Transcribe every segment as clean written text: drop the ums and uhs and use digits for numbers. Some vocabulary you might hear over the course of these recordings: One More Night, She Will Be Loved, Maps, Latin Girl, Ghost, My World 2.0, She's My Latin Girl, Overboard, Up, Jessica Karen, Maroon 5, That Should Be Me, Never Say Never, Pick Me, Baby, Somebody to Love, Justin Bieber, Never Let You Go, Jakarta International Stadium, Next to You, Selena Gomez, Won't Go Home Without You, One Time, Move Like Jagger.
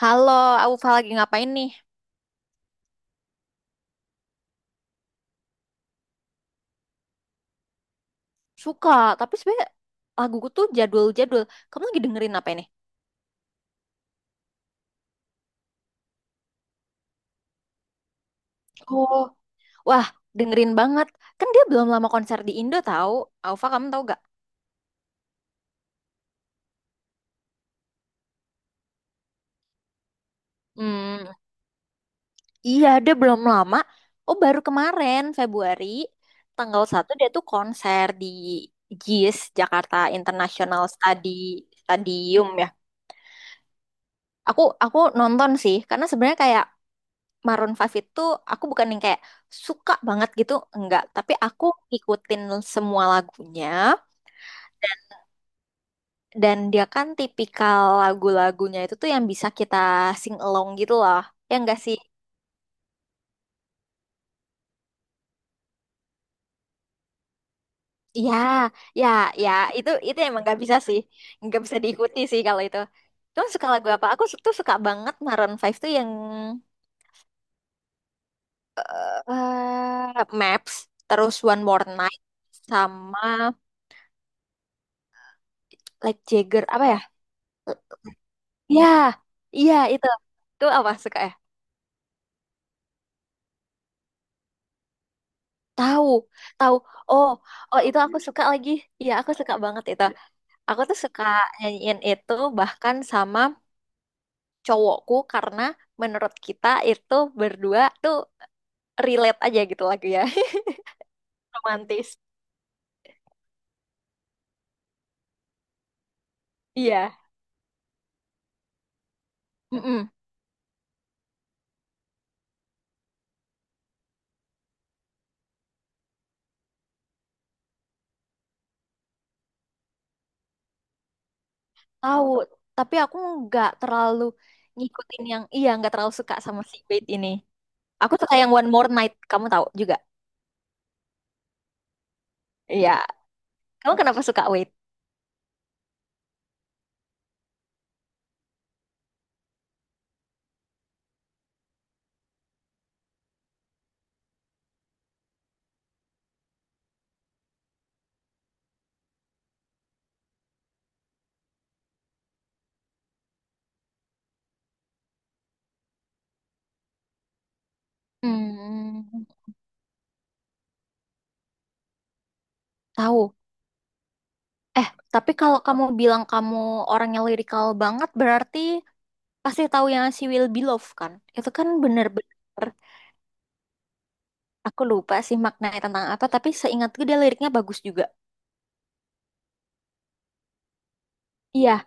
Halo, Aufa lagi ngapain nih? Suka, tapi sebenernya laguku tuh jadul-jadul. Kamu lagi dengerin apa ini? Oh, wah, dengerin banget. Kan dia belum lama konser di Indo tahu. Aufa, kamu tahu gak? Hmm, iya, dia belum lama. Oh, baru kemarin, Februari, tanggal 1 dia tuh konser di JIS, Jakarta International Stadium ya. Aku nonton sih, karena sebenarnya kayak Maroon 5 itu aku bukan yang kayak suka banget gitu, enggak. Tapi aku ikutin semua lagunya dan dia kan tipikal lagu-lagunya itu tuh yang bisa kita sing along gitu loh. Ya enggak sih? Ya, ya, ya, itu emang nggak bisa sih. Nggak bisa diikuti sih kalau itu. Cuma suka lagu apa? Aku tuh suka banget Maroon 5 tuh yang Maps, terus One More Night sama Like Jagger apa ya? Iya, iya itu. Itu apa suka ya? Tahu, tahu. Oh, oh itu aku suka lagi. Iya, aku suka banget itu. Aku tuh suka nyanyiin itu bahkan sama cowokku karena menurut kita itu berdua tuh relate aja gitu lagu ya. Romantis. Iya. Mm-mm. Tahu, tapi aku nggak terlalu ngikutin yang iya nggak terlalu suka sama si Wait ini. Aku suka yang One More Night, kamu tahu juga. Iya. Kamu kenapa suka Wait? Hmm, tahu. Eh, tapi kalau kamu bilang kamu orangnya lirikal banget, berarti pasti tahu yang She Will Be Loved kan? Itu kan bener-bener, aku lupa sih maknanya tentang apa, tapi seingatku dia liriknya bagus juga. Iya,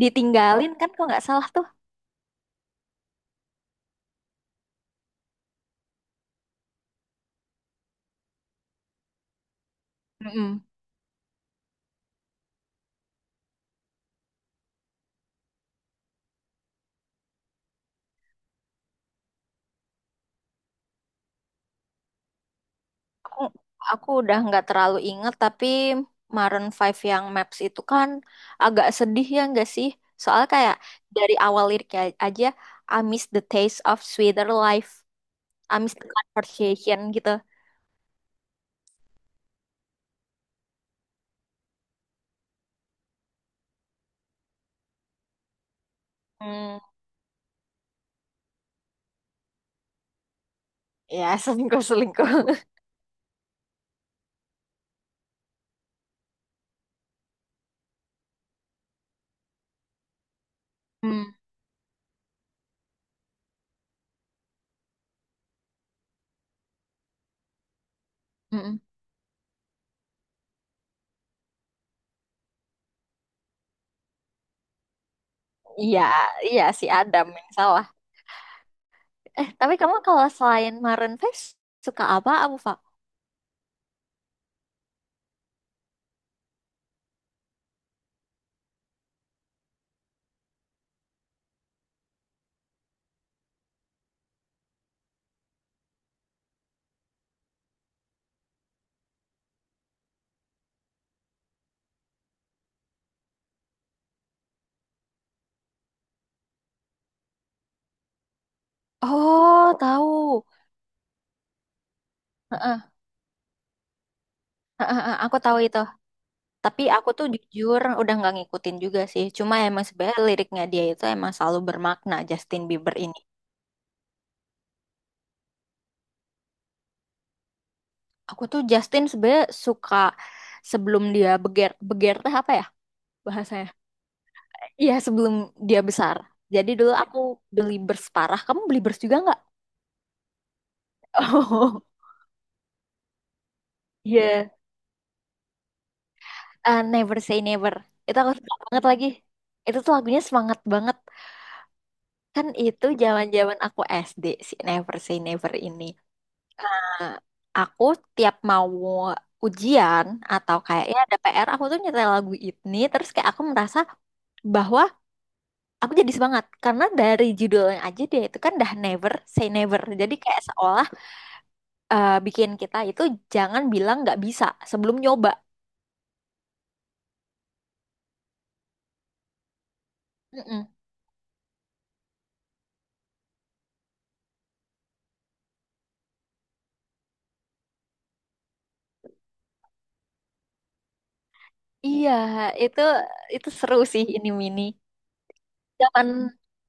ditinggalin kan kalau nggak salah tuh. Mm-mm. Aku, aku udah nggak terlalu inget, tapi Maroon five yang Maps itu kan agak sedih ya nggak sih? Soalnya kayak dari awal liriknya aja, I miss the taste of sweeter life, I miss the conversation gitu. Hmm. Ya, selingkuh-selingkuh. Hmm. Mm-mm. Iya, iya si Adam yang salah. Eh, tapi kamu kalau selain Maroon 5 suka apa, Abu Fa? Oh, tahu. Heeh, heeh, heeh, aku tahu itu. Tapi aku tuh jujur udah nggak ngikutin juga sih. Cuma emang sebenarnya liriknya dia itu emang selalu bermakna Justin Bieber ini. Aku tuh Justin sebenarnya suka sebelum dia beger beger teh apa ya bahasanya? Iya, sebelum dia besar. Jadi dulu aku beli bers parah. Kamu beli bers juga nggak? Oh. Iya. Eh, Never Say Never. Itu aku suka banget lagi. Itu tuh lagunya semangat banget. Kan itu zaman-zaman aku SD si Never Say Never ini. Nah, aku tiap mau ujian atau kayaknya ada PR, aku tuh nyetel lagu ini terus kayak aku merasa bahwa aku jadi semangat karena dari judulnya aja dia itu kan dah Never Say Never. Jadi kayak seolah bikin kita itu jangan bilang nggak bisa sebelum nyoba. Mm-mm. Iya, itu itu seru sih ini mini. Zaman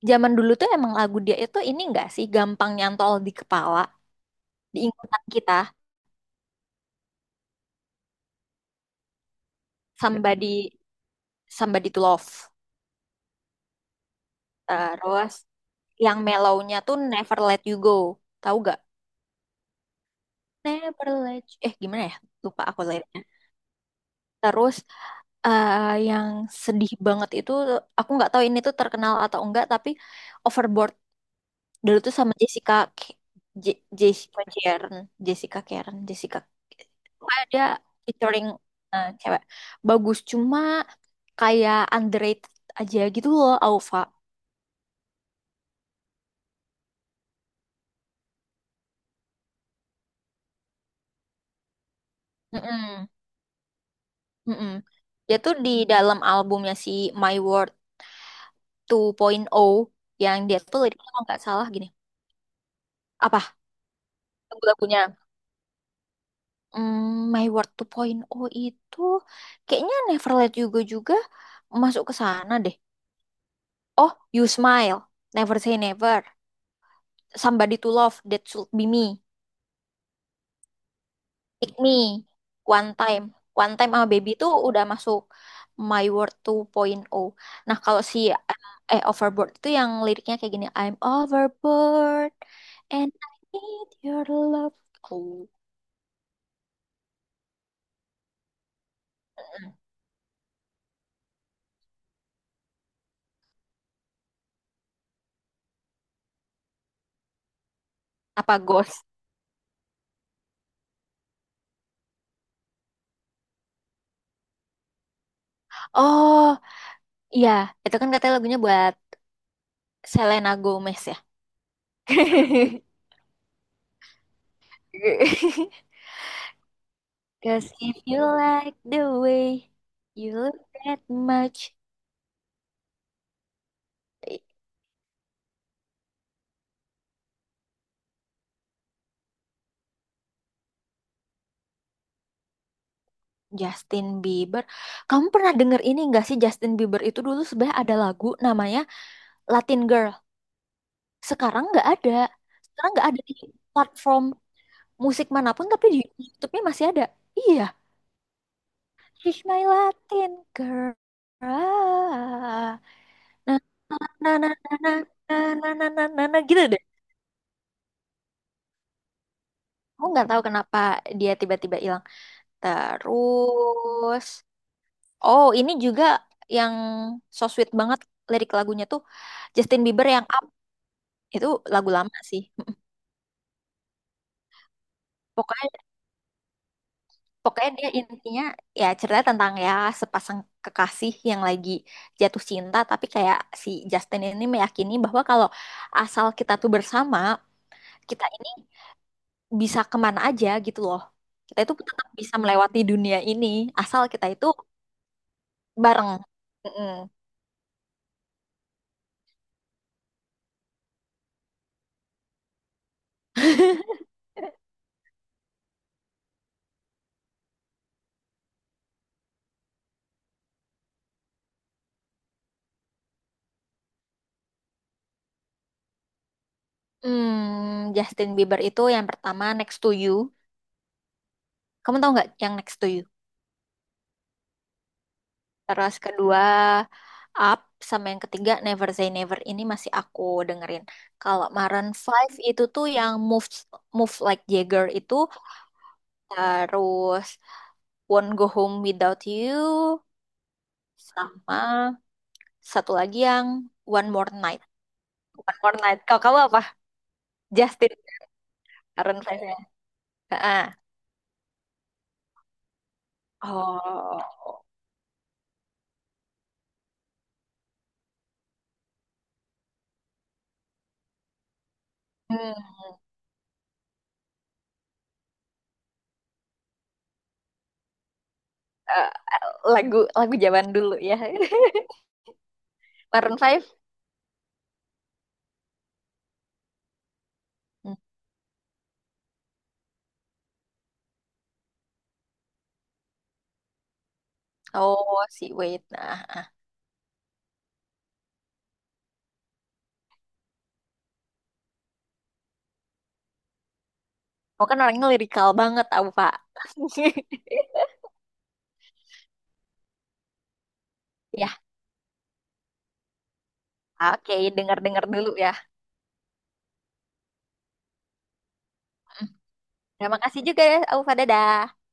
zaman dulu tuh emang lagu dia itu ini enggak sih gampang nyantol di kepala, di ingatan kita. Somebody Somebody to Love. Terus yang mellownya tuh Never Let You Go. Tahu gak? Never Let You. Gimana ya? Lupa aku liriknya. Terus eh, yang sedih banget itu aku nggak tahu ini tuh terkenal atau enggak tapi Overboard. Dulu tuh sama Je- Jessica Karen, Jessica Karen, Jessica ada featuring cewek. Bagus cuma kayak underrated aja gitu loh Alfa. Mm-mm, mm-mm. Dia tuh di dalam albumnya si My World 2.0 yang dia tuh liriknya kalau nggak salah gini. Apa lagu-lagunya? Hmm, My World 2.0 itu kayaknya Never Let You Go juga masuk ke sana deh. Oh, You Smile, Never Say Never, Somebody to Love, That Should Be Me, Pick Me, One Time. One Time sama Baby itu udah masuk My World 2.0. Nah, kalau si Overboard itu yang liriknya kayak gini, I'm overboard and I need your love. Oh, Hmm. apa Ghost? Oh, iya, itu kan katanya lagunya buat Selena Gomez ya. Cause if you like the way you look that much. Eh, Justin Bieber. Kamu pernah denger ini gak sih Justin Bieber itu dulu sebenarnya ada lagu namanya Latin Girl. Sekarang nggak ada. Sekarang nggak ada di platform musik manapun tapi di YouTube-nya masih ada. Iya, She's My Latin Girl. Ah. Nah, na na na na na na na na na na, gitu deh. Aku nggak tahu kenapa dia tiba-tiba hilang. Terus, oh, ini juga yang so sweet banget lirik lagunya tuh Justin Bieber yang Up. Itu lagu lama sih. Pokoknya pokoknya dia intinya ya ceritanya tentang ya sepasang kekasih yang lagi jatuh cinta tapi kayak si Justin ini meyakini bahwa kalau asal kita tuh bersama, kita ini bisa kemana aja gitu loh. Kita itu tetap bisa melewati dunia ini asal kita itu bareng. Mm-mm. Hmm, Justin Bieber itu yang pertama Next to You. Kamu tahu nggak yang Next to You? Terus kedua Up sama yang ketiga Never Say Never ini masih aku dengerin. Kalau Maroon Five itu tuh yang Move Move Like Jagger itu terus Won't Go Home Without You sama satu lagi yang One More Night. One More Night. Kalau kamu apa? Justin, Maroon Five ya. Heeh. Oh. Hmm. Eh, lagu lagu zaman dulu ya. Maroon Five. Hmm. Oh, si Wait. Nah, aku kan orangnya lirikal banget, aku Pak. Ya, oke, dengar-dengar dulu ya. Terima kasih juga ya, Aufa. Dadah.